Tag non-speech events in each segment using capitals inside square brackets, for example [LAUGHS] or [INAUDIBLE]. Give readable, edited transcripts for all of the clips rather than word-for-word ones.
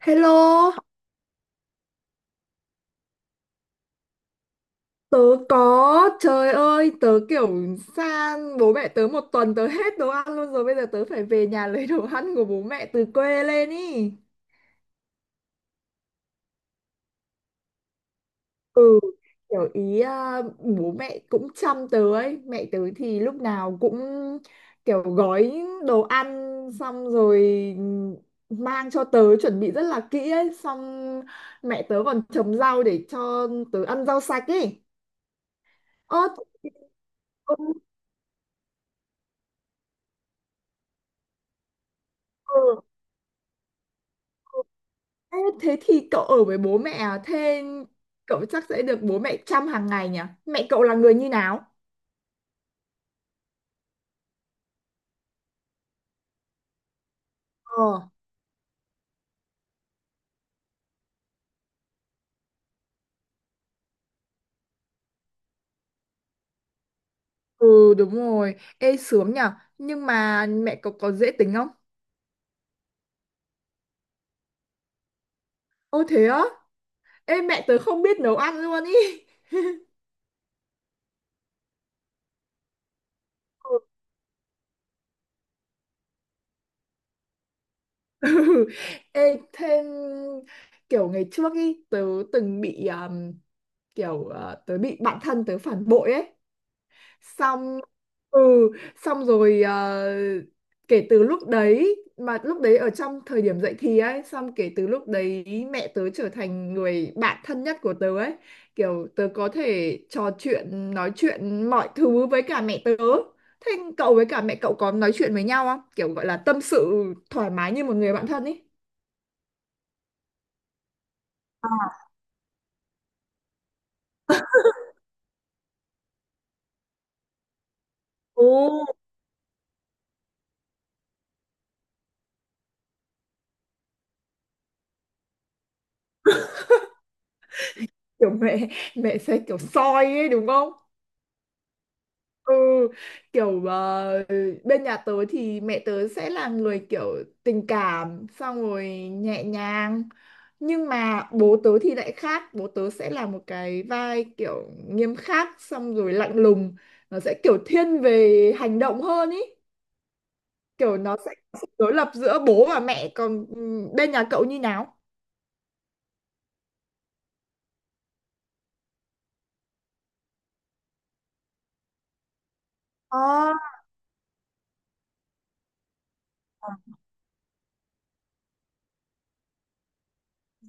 Hello, tớ có, trời ơi, tớ kiểu sang bố mẹ tớ một tuần tớ hết đồ ăn luôn rồi, bây giờ tớ phải về nhà [LAUGHS] lấy đồ ăn của bố mẹ từ quê lên ý. Ừ, kiểu ý à, bố mẹ cũng chăm tớ ấy, mẹ tớ thì lúc nào cũng kiểu gói đồ ăn xong rồi mang cho tớ, chuẩn bị rất là kỹ ấy, xong mẹ tớ còn trồng rau để cho tớ ăn rau sạch ấy. Ơ, ừ. Ê, thế thì cậu ở với bố mẹ à? Thế cậu chắc sẽ được bố mẹ chăm hàng ngày nhỉ? Mẹ cậu là người như nào? Ờ, ừ đúng rồi. Ê sướng nhỉ? Nhưng mà mẹ cậu có dễ tính không? Ô thế á? Ê mẹ tớ không biết nấu ăn luôn ý. [LAUGHS] Ừ. Ê thêm kiểu ngày trước ý tớ từng bị kiểu tớ bị bạn thân tớ phản bội ấy. Xong ừ xong rồi ờ, kể từ lúc đấy, mà lúc đấy ở trong thời điểm dậy thì ấy, xong kể từ lúc đấy mẹ tớ trở thành người bạn thân nhất của tớ ấy, kiểu tớ có thể trò chuyện nói chuyện mọi thứ với cả mẹ tớ. Thế cậu với cả mẹ cậu có nói chuyện với nhau không, kiểu gọi là tâm sự thoải mái như một người bạn thân ấy? Ồ, kiểu mẹ mẹ sẽ kiểu soi ấy đúng không? Ừ, kiểu ờ, bên nhà tớ thì mẹ tớ sẽ là người kiểu tình cảm, xong rồi nhẹ nhàng, nhưng mà bố tớ thì lại khác, bố tớ sẽ là một cái vai kiểu nghiêm khắc, xong rồi lạnh lùng, nó sẽ kiểu thiên về hành động hơn ý, kiểu nó sẽ có sự đối lập giữa bố và mẹ. Còn ừ, bên nhà cậu như nào? À.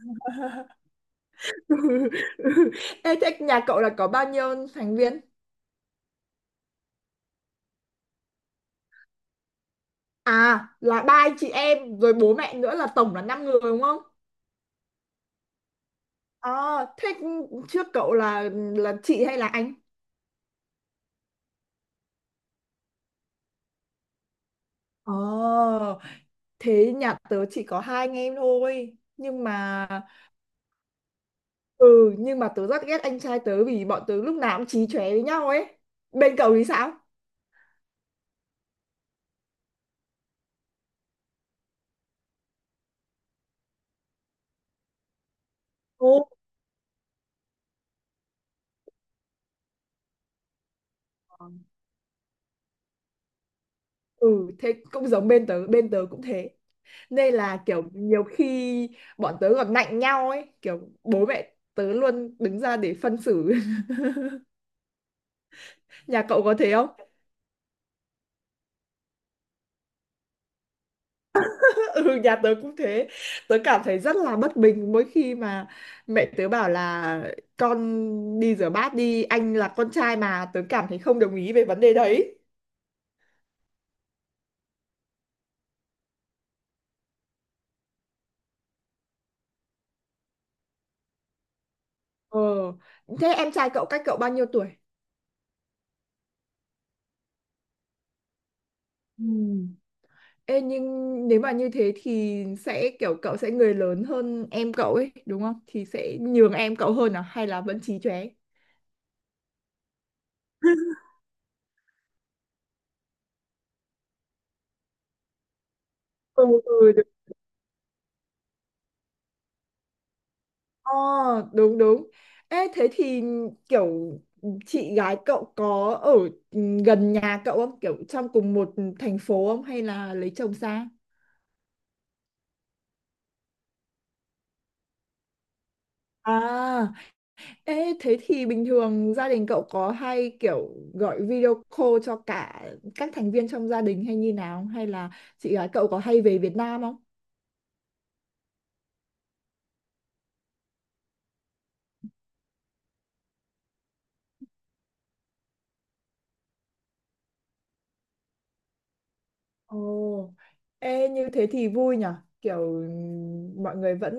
[LAUGHS] Ê, thế nhà cậu là có bao nhiêu thành viên? À là ba anh chị em rồi bố mẹ nữa là tổng là 5 người đúng không? Ờ thế trước cậu là chị hay là anh? Ờ thế nhà tớ chỉ có hai anh em thôi nhưng mà ừ nhưng mà tớ rất ghét anh trai tớ vì bọn tớ lúc nào cũng chí chóe với nhau ấy. Bên cậu thì sao? Ồ. Ừ thế cũng giống bên tớ, bên tớ cũng thế, nên là kiểu nhiều khi bọn tớ còn nạnh nhau ấy, kiểu bố mẹ tớ luôn đứng ra để phân xử. [LAUGHS] Nhà cậu có thế không? [LAUGHS] Ừ, nhà tớ cũng thế. Tớ cảm thấy rất là bất bình mỗi khi mà mẹ tớ bảo là con đi rửa bát đi, anh là con trai, mà tớ cảm thấy không đồng ý về vấn đề đấy. Ờ, thế em trai cậu cách cậu bao nhiêu tuổi? Ừ. Ê, nhưng nếu mà như thế thì sẽ kiểu cậu sẽ người lớn hơn em cậu ấy, đúng không? Thì sẽ nhường em cậu hơn à hay là vẫn chí chóe? [LAUGHS] Ừ, ừ, ờ, đúng đúng. Ê, thế thì kiểu chị gái cậu có ở ừ, gần nhà cậu không? Kiểu trong cùng một thành phố không? Hay là lấy chồng xa? À, ê, thế thì bình thường gia đình cậu có hay kiểu gọi video call cho cả các thành viên trong gia đình, hay như nào? Hay là chị gái cậu có hay về Việt Nam không? Ồ, ê như thế thì vui nhở. Kiểu mọi người vẫn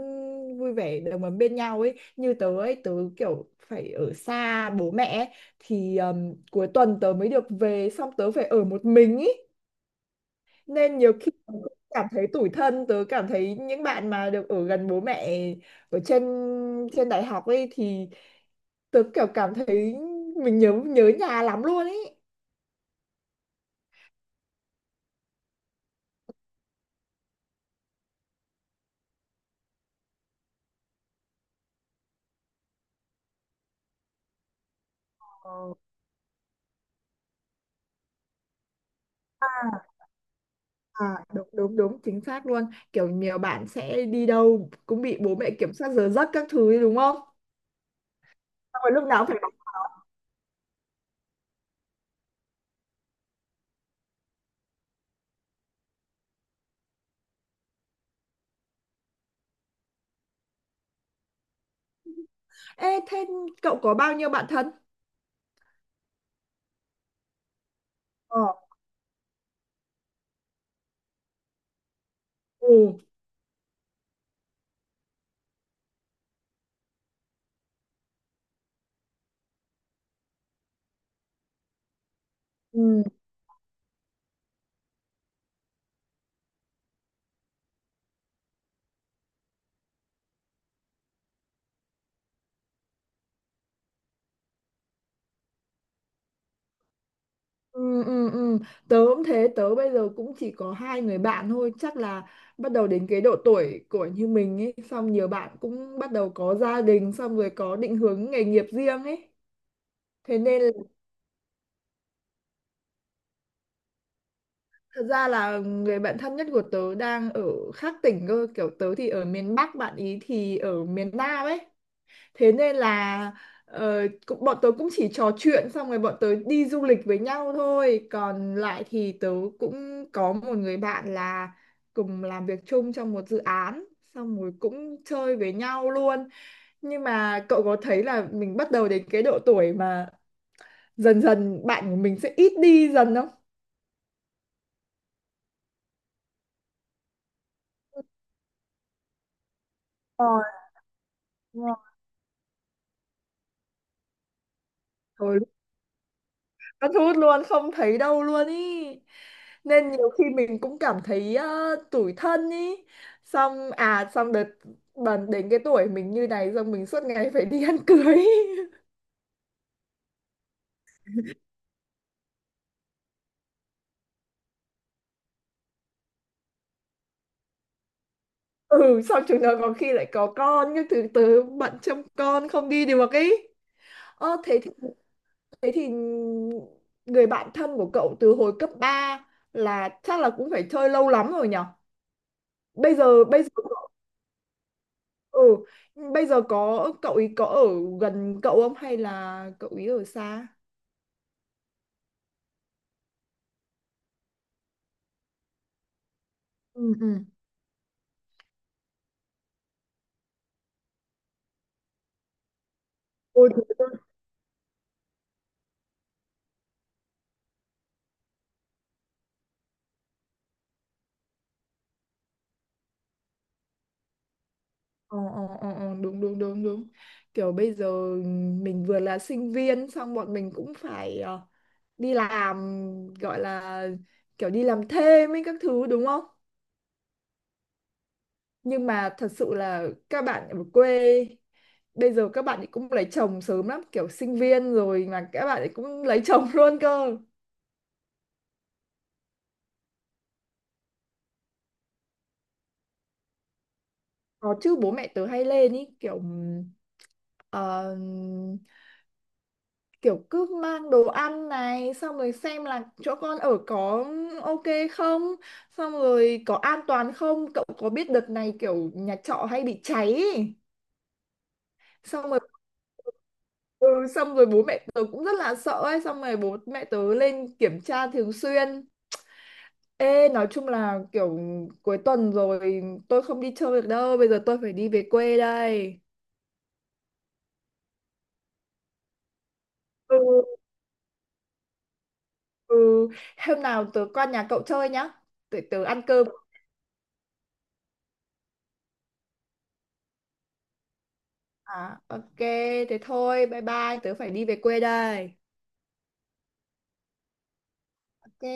vui vẻ đồng ấm bên nhau ấy. Như tớ ấy, tớ kiểu phải ở xa bố mẹ ấy, thì cuối tuần tớ mới được về xong tớ phải ở một mình ấy. Nên nhiều khi tớ cũng cảm thấy tủi thân, tớ cảm thấy những bạn mà được ở gần bố mẹ ở trên trên đại học ấy thì tớ kiểu cảm thấy mình nhớ nhớ nhà lắm luôn ấy. Ờ. À, đúng đúng đúng, chính xác luôn, kiểu nhiều bạn sẽ đi đâu cũng bị bố mẹ kiểm soát giờ giấc các thứ ấy, đúng không? Xong rồi lúc nào cũng phải bảo. Ê thế cậu có bao nhiêu bạn thân? Ờ ừ ừ ừ ừ ừ. Tớ cũng thế, tớ bây giờ cũng chỉ có hai người bạn thôi, chắc là bắt đầu đến cái độ tuổi của như mình ấy, xong nhiều bạn cũng bắt đầu có gia đình, xong rồi có định hướng nghề nghiệp riêng ấy, thế nên. Thật ra là người bạn thân nhất của tớ đang ở khác tỉnh cơ, kiểu tớ thì ở miền Bắc, bạn ý thì ở miền Nam ấy. Thế nên là ờ, cũng- bọn tớ cũng chỉ trò chuyện, xong rồi bọn tớ đi du lịch với nhau thôi. Còn lại thì tớ cũng có một người bạn là cùng làm việc chung trong một dự án, xong rồi cũng chơi với nhau luôn. Nhưng mà cậu có thấy là mình bắt đầu đến cái độ tuổi mà dần dần bạn của mình sẽ ít đi dần không? Ờ, đúng rồi. Cắt hút luôn không thấy đâu luôn ý, nên nhiều khi mình cũng cảm thấy ờ, tủi thân ý, xong à xong đợt bần đến cái tuổi mình như này, xong mình suốt ngày phải đi ăn cưới [LAUGHS] ý. Ừ xong chúng nó có khi lại có con nhưng từ từ bận chăm con không đi được ý. Ờ thế thì người bạn thân của cậu từ hồi cấp 3 là chắc là cũng phải chơi lâu lắm rồi nhở. Bây giờ Ừ, bây giờ có cậu ý có ở gần cậu không hay là cậu ý ở xa? Ừ ừ. Ôi, thế cơ. Ờ, ờ, ờ, ờ, đúng đúng đúng đúng, kiểu bây giờ mình vừa là sinh viên xong bọn mình cũng phải ờ, đi làm, gọi là kiểu đi làm thêm ấy các thứ, đúng không? Nhưng mà thật sự là các bạn ở quê bây giờ các bạn ấy cũng lấy chồng sớm lắm, kiểu sinh viên rồi mà các bạn ấy cũng lấy chồng [LAUGHS] luôn cơ. Có chứ, bố mẹ tớ hay lên ý, kiểu ờ, kiểu cứ mang đồ ăn này, xong rồi xem là chỗ con ở có ok không, xong rồi có an toàn không, cậu có biết đợt này kiểu nhà trọ hay bị cháy ý. Xong rồi ừ, xong rồi bố mẹ tớ cũng rất là sợ ấy, xong rồi bố mẹ tớ lên kiểm tra thường xuyên. Ê, nói chung là kiểu cuối tuần rồi tôi không đi chơi được đâu, bây giờ tôi phải đi về quê đây. Ừ. Ừ, hôm nào tớ qua nhà cậu chơi nhá. Tớ, tớ ăn cơm. À, ok, thế thôi, bye bye, tớ phải đi về quê đây. Ok.